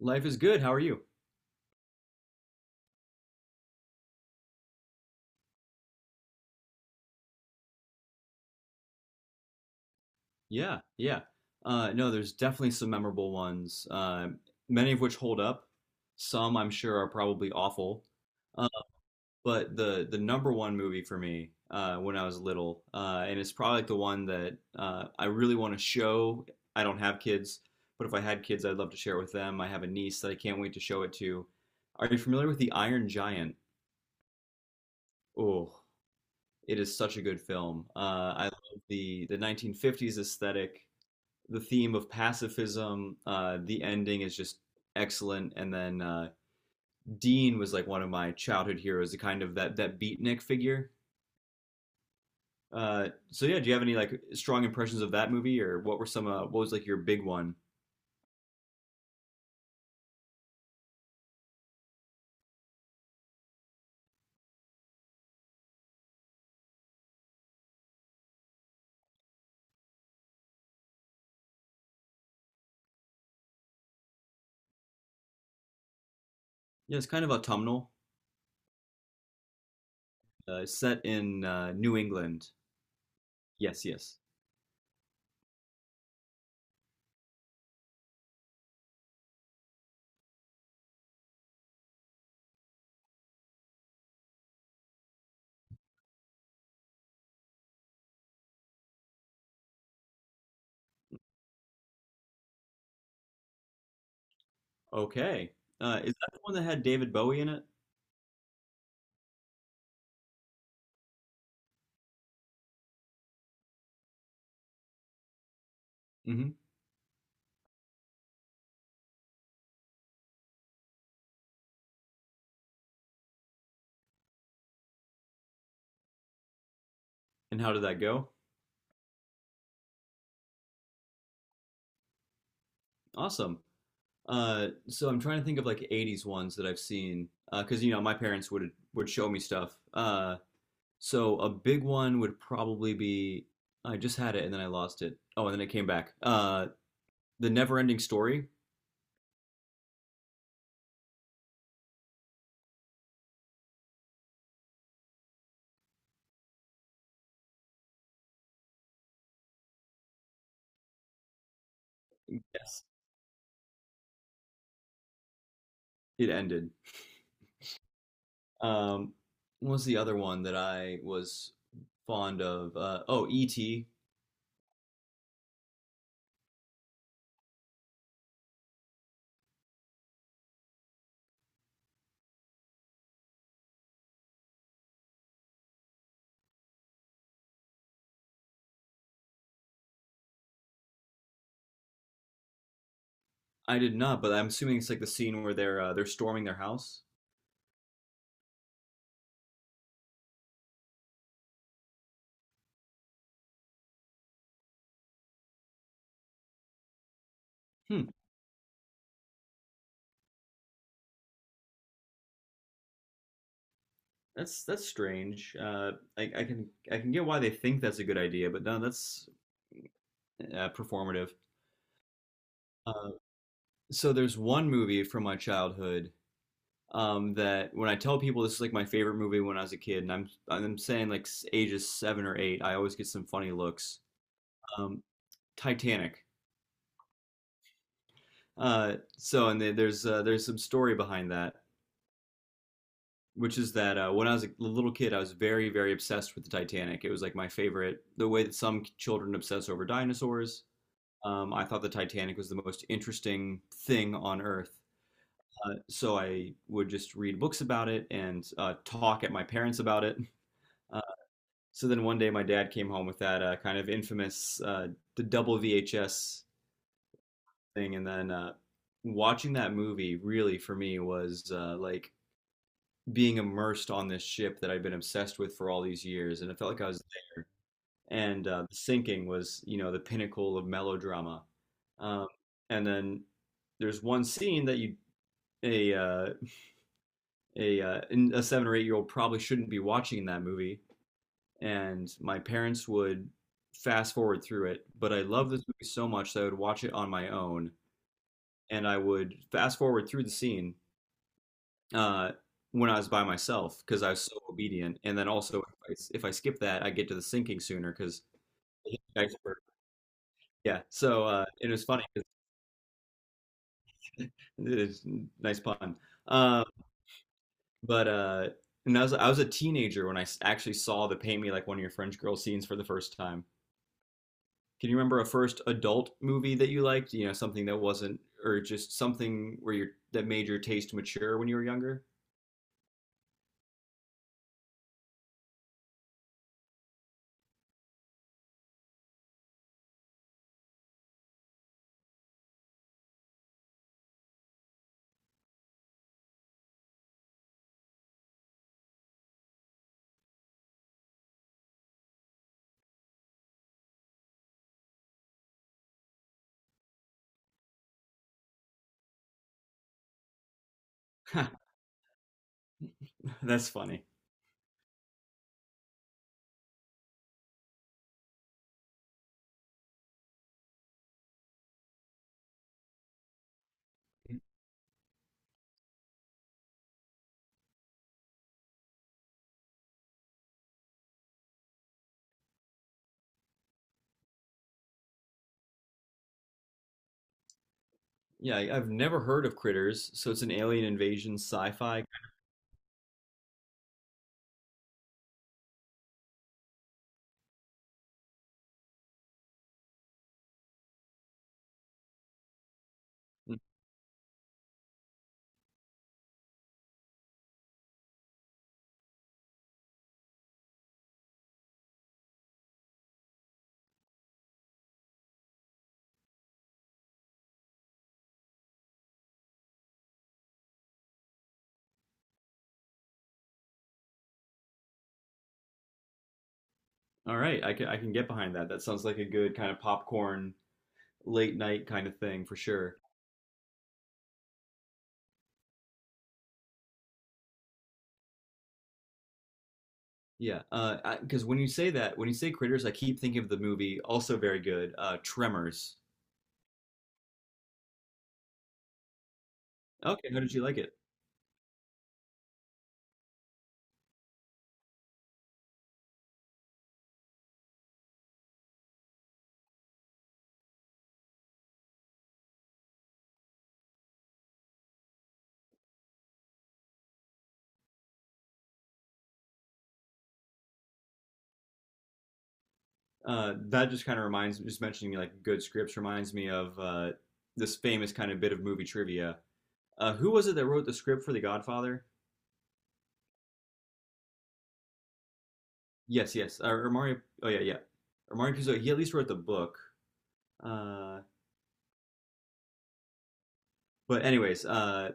Life is good. How are you? Yeah, yeah. No, there's definitely some memorable ones, many of which hold up. Some I'm sure are probably awful. Uh, but the number one movie for me when I was little, and it's probably like the one that I really want to show. I don't have kids, but if I had kids, I'd love to share it with them. I have a niece that I can't wait to show it to. Are you familiar with The Iron Giant? Oh, it is such a good film. I love the 1950s aesthetic, the theme of pacifism. The ending is just excellent. And then Dean was like one of my childhood heroes, the kind of that beatnik figure. So yeah, do you have any like strong impressions of that movie, or what were some? What was like your big one? Yeah, it's kind of autumnal, set in New England. Yes, yes. Okay. Is that the one that had David Bowie in it? Hmm. And how did that go? Awesome. So I'm trying to think of like 80s ones that I've seen because my parents would show me stuff. So a big one would probably be I just had it and then I lost it. Oh, and then it came back. The Never-Ending Story. Yes. It ended. Um, what was the other one that I was fond of? Oh, E.T. I did not, but I'm assuming it's like the scene where they're storming their house. Hmm, that's strange. I, I can I can get why they think that's a good idea, but no, that's performative. Uh, so there's one movie from my childhood that when I tell people this is like my favorite movie when I was a kid, and I'm saying like ages 7 or 8, I always get some funny looks. Um, Titanic. So and there's some story behind that, which is that when I was a little kid, I was very very obsessed with the Titanic. It was like my favorite. The way that some children obsess over dinosaurs, I thought the Titanic was the most interesting thing on Earth. So I would just read books about it and talk at my parents about it. Uh, so then one day my dad came home with that kind of infamous the double VHS thing, and then watching that movie really for me was like being immersed on this ship that I'd been obsessed with for all these years, and it felt like I was. And the sinking was, the pinnacle of melodrama. Um, and then there's one scene that you a uh, a uh, a 7 or 8 year old probably shouldn't be watching that movie, and my parents would fast forward through it. But I love this movie so much that I would watch it on my own, and I would fast forward through the scene uh, when I was by myself because I was so obedient. And then also, if I skip that, I get to the sinking sooner because I hit the iceberg. Yeah, so it was funny. It is nice pun. Um, But and I was a teenager when I actually saw the "Paint Me Like One of Your French Girls" scenes for the first time. Can you remember a first adult movie that you liked? Something that wasn't, or just something where you that made your taste mature when you were younger? Ha, that's funny. Yeah, I've never heard of Critters, so it's an alien invasion sci-fi. Mm, all right, I can get behind that. That sounds like a good kind of popcorn late night kind of thing for sure. Yeah, because when you say Critters, I keep thinking of the movie, also very good, Tremors. Okay, how did you like it? That just kind of reminds me, just mentioning like good scripts reminds me of this famous kind of bit of movie trivia. Who was it that wrote the script for The Godfather? Yes, yes, or Mario. Oh yeah, yeah, or Mario Puzo. He at least wrote the book. Uh, but anyways,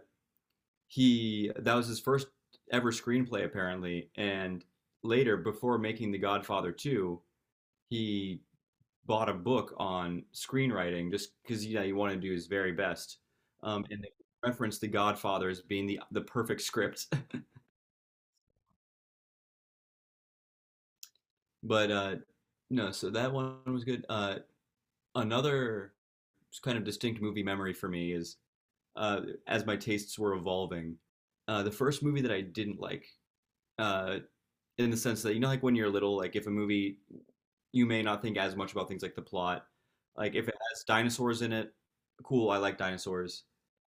he that was his first ever screenplay apparently, and later, before making The Godfather 2, he bought a book on screenwriting just because you want to do his very best. And they referenced The Godfather as being the perfect script, but no, so that one was good. Another kind of distinct movie memory for me is uh, as my tastes were evolving. The first movie that I didn't like, uh, in the sense that like when you're little, like if a movie you may not think as much about things like the plot. Like if it has dinosaurs in it, cool, I like dinosaurs,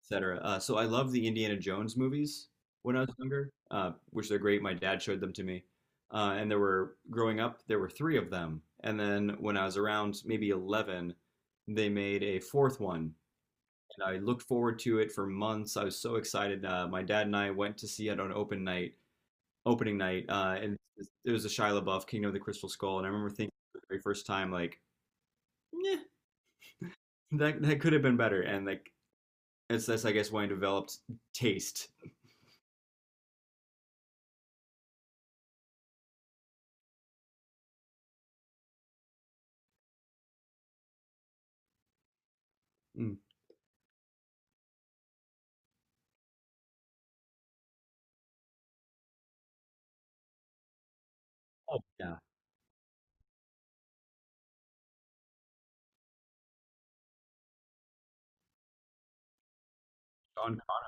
etc. So I love the Indiana Jones movies when I was younger, which they're great. My dad showed them to me, and there were growing up there were three of them, and then when I was around maybe 11, they made a fourth one. And I looked forward to it for months. I was so excited. My dad and I went to see it on opening night, and it was a Shia LaBeouf Kingdom of the Crystal Skull, and I remember thinking for the very first time like, yeah, that could have been better, and like it's that's I guess why I developed taste. Mm. Oh, yeah. Sean Connery.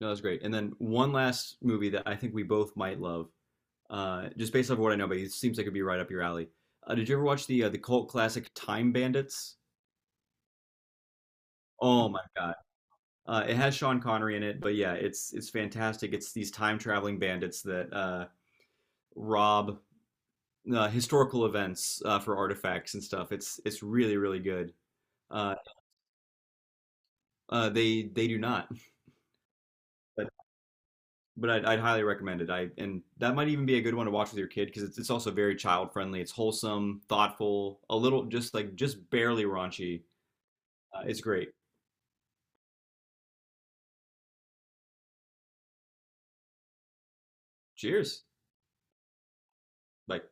No, that was great. And then one last movie that I think we both might love, just based off of what I know, but it seems like it'd be right up your alley. Did you ever watch the the cult classic Time Bandits? Oh my god. It has Sean Connery in it, but yeah, it's fantastic. It's these time traveling bandits that rob historical events for artifacts and stuff. It's really really good. Uh, they do not, but but I'd highly recommend it. I And that might even be a good one to watch with your kid because it's also very child friendly. It's wholesome, thoughtful, a little just like just barely raunchy. It's great. Cheers. Bye.